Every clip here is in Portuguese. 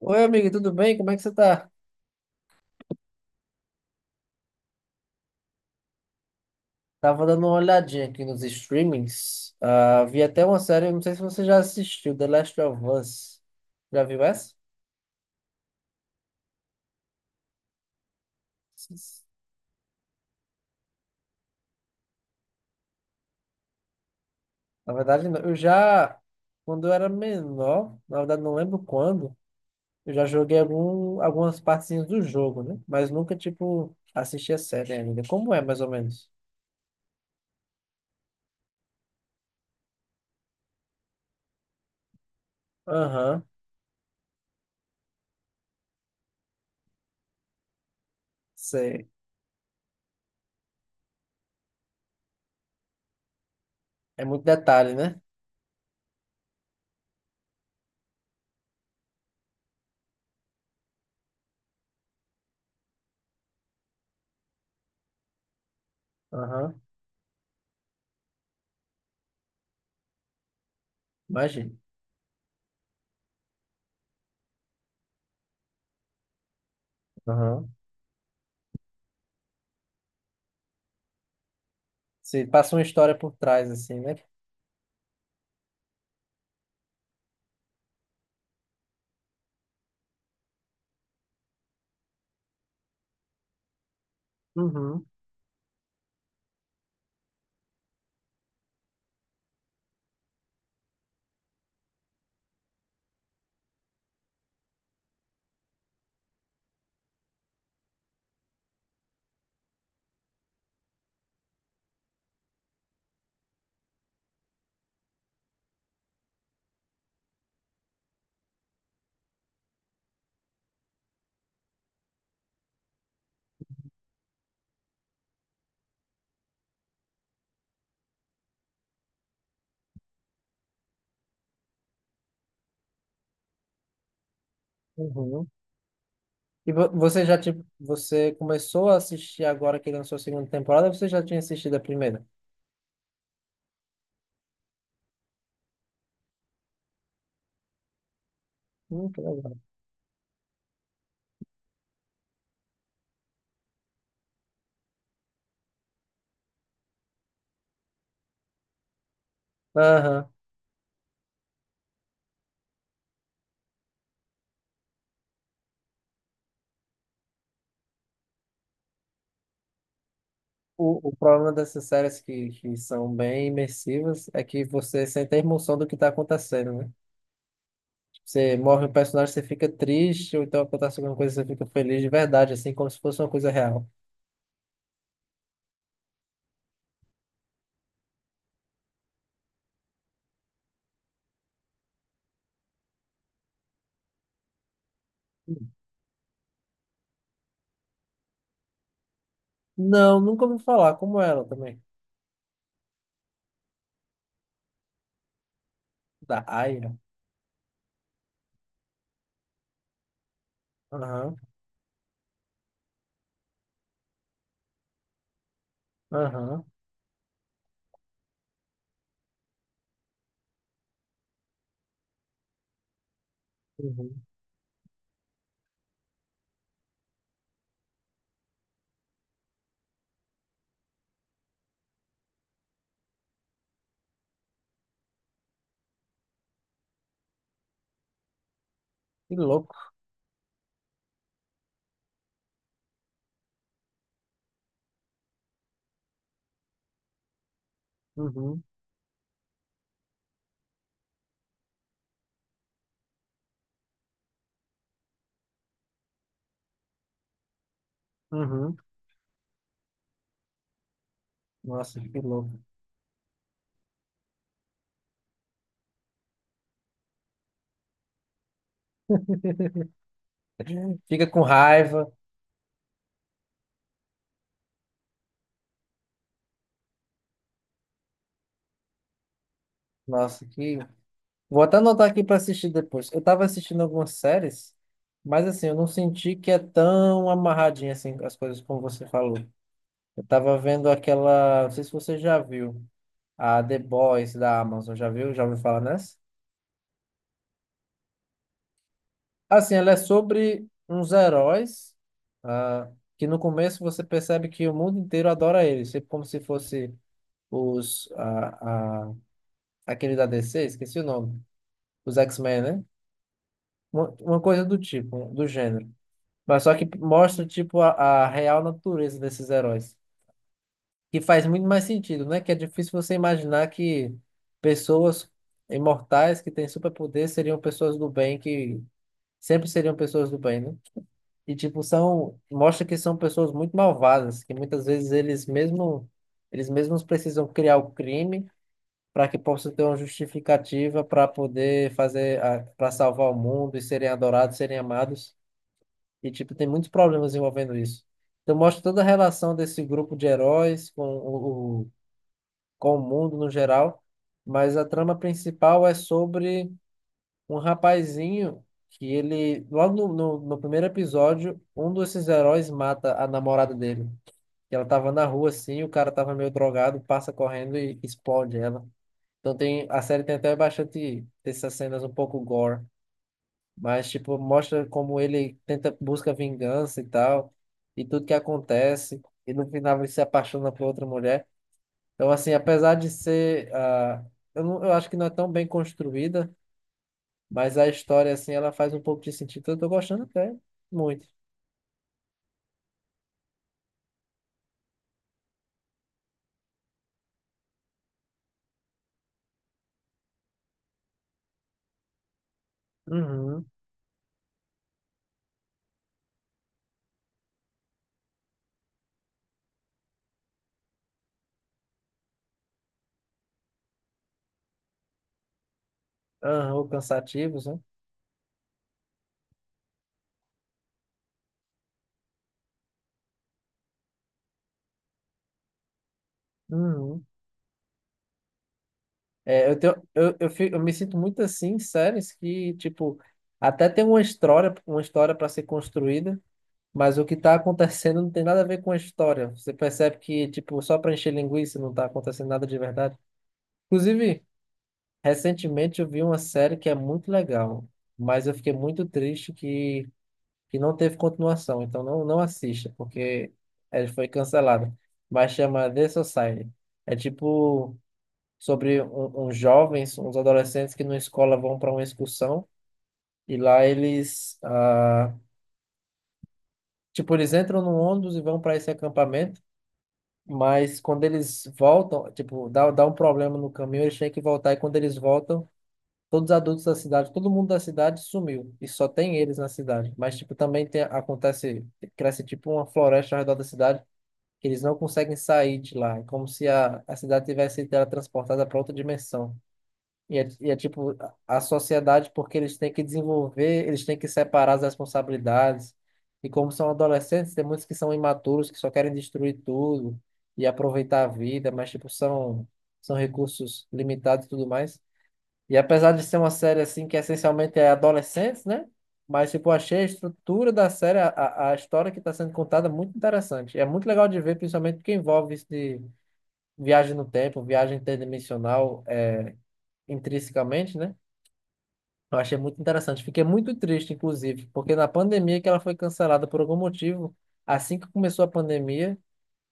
Oi, amigo, tudo bem? Como é que você tá? Tava dando uma olhadinha aqui nos streamings. Ah, vi até uma série, não sei se você já assistiu, The Last of Us. Já viu essa? Na verdade, não. Quando eu era menor, na verdade não lembro quando, eu já joguei algumas partezinhas do jogo, né? Mas nunca, tipo, assisti a série ainda. Como é, mais ou menos? Aham, sei. É muito detalhe, né? Aham, imagina. Aham. Se passa uma história por trás, assim, né? Uhum. Uhum. E você já tipo, você começou a assistir agora que lançou a segunda temporada, ou você já tinha assistido a primeira? Que legal. Aham. O problema dessas séries que são bem imersivas é que você sente a emoção do que está acontecendo, né? Você morre um personagem, você fica triste, ou então acontece alguma coisa, você fica feliz de verdade, assim, como se fosse uma coisa real. Não, nunca ouvi falar, como ela também. Da Aya. Aham, aham, uhum. Que louco. Uhum, uhum. Nossa, que louco. Fica com raiva. Nossa, que. Vou até anotar aqui para assistir depois. Eu tava assistindo algumas séries, mas assim, eu não senti que é tão amarradinha assim as coisas como você falou. Eu tava vendo aquela, não sei se você já viu, a The Boys da Amazon, já viu? Já ouviu falar nessa? Assim, ela é sobre uns heróis, ah, que no começo você percebe que o mundo inteiro adora eles, tipo como se fosse os, ah, ah, aquele da DC, esqueci o nome, os X-Men, né? Uma coisa do tipo, do gênero. Mas só que mostra, tipo, a real natureza desses heróis. Que faz muito mais sentido, né? Que é difícil você imaginar que pessoas imortais que têm superpoder seriam pessoas do bem, que sempre seriam pessoas do bem, né? E, tipo, são... Mostra que são pessoas muito malvadas, que muitas vezes eles mesmos precisam criar o crime para que possa ter uma justificativa para poder fazer, para salvar o mundo e serem adorados, serem amados. E, tipo, tem muitos problemas envolvendo isso. Então, mostra toda a relação desse grupo de heróis com com o mundo no geral, mas a trama principal é sobre um rapazinho que ele, logo no primeiro episódio, um desses heróis mata a namorada dele. E ela tava na rua, assim, o cara tava meio drogado, passa correndo e explode ela. Então, tem, a série tem até bastante dessas cenas um pouco gore. Mas, tipo, mostra como ele tenta, busca vingança e tal, e tudo que acontece, e no final ele se apaixona por outra mulher. Então, assim, apesar de ser, eu acho que não é tão bem construída, mas a história, assim, ela faz um pouco de sentido. Então, eu tô gostando até muito. Uhum. Aham, cansativos, né? Uhum. É, eu, tenho, eu, fi- Eu me sinto muito assim em séries que, tipo, até tem uma história, para ser construída, mas o que está acontecendo não tem nada a ver com a história. Você percebe que, tipo, só para encher linguiça não está acontecendo nada de verdade. Inclusive, recentemente eu vi uma série que é muito legal, mas eu fiquei muito triste que não teve continuação. Então não assista, porque ela foi cancelada. Mas chama The Society. É tipo sobre uns jovens, uns adolescentes que na escola vão para uma excursão e lá tipo, eles entram num ônibus e vão para esse acampamento. Mas quando eles voltam, tipo, dá um problema no caminho, eles têm que voltar. E quando eles voltam, todos os adultos da cidade, todo mundo da cidade sumiu. E só tem eles na cidade. Mas, tipo, também tem, acontece, cresce tipo uma floresta ao redor da cidade, que eles não conseguem sair de lá. É como se a cidade tivesse sido teletransportada para outra dimensão. E é tipo a sociedade, porque eles têm que desenvolver, eles têm que separar as responsabilidades. E como são adolescentes, tem muitos que são imaturos, que só querem destruir tudo e aproveitar a vida, mas tipo são recursos limitados e tudo mais. E apesar de ser uma série assim que essencialmente é adolescentes, né? Mas tipo, eu achei a estrutura da série, a história que está sendo contada muito interessante. É muito legal de ver, principalmente porque envolve isso de viagem no tempo, viagem interdimensional, é, intrinsecamente, né? Eu achei muito interessante. Fiquei muito triste, inclusive, porque na pandemia que ela foi cancelada por algum motivo, assim que começou a pandemia,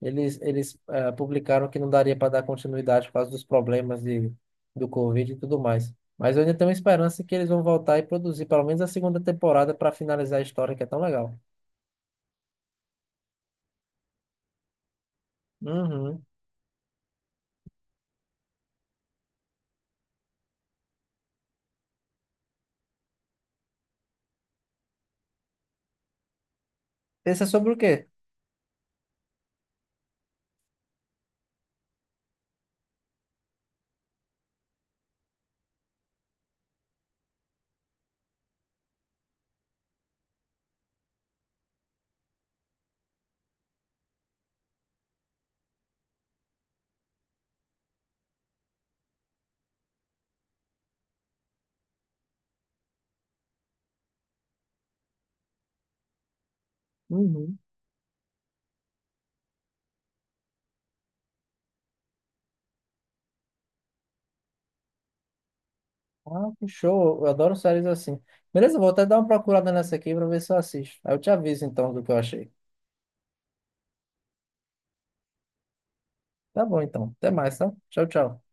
eles publicaram que não daria para dar continuidade por causa dos problemas de, do Covid e tudo mais. Mas eu ainda tenho esperança que eles vão voltar e produzir pelo menos a segunda temporada para finalizar a história, que é tão legal. Uhum. Esse é sobre o quê? Uhum. Ah, que show. Eu adoro séries assim. Beleza, eu vou até dar uma procurada nessa aqui para ver se eu assisto. Aí eu te aviso então do que eu achei. Tá bom, então. Até mais, tá? Tchau, tchau.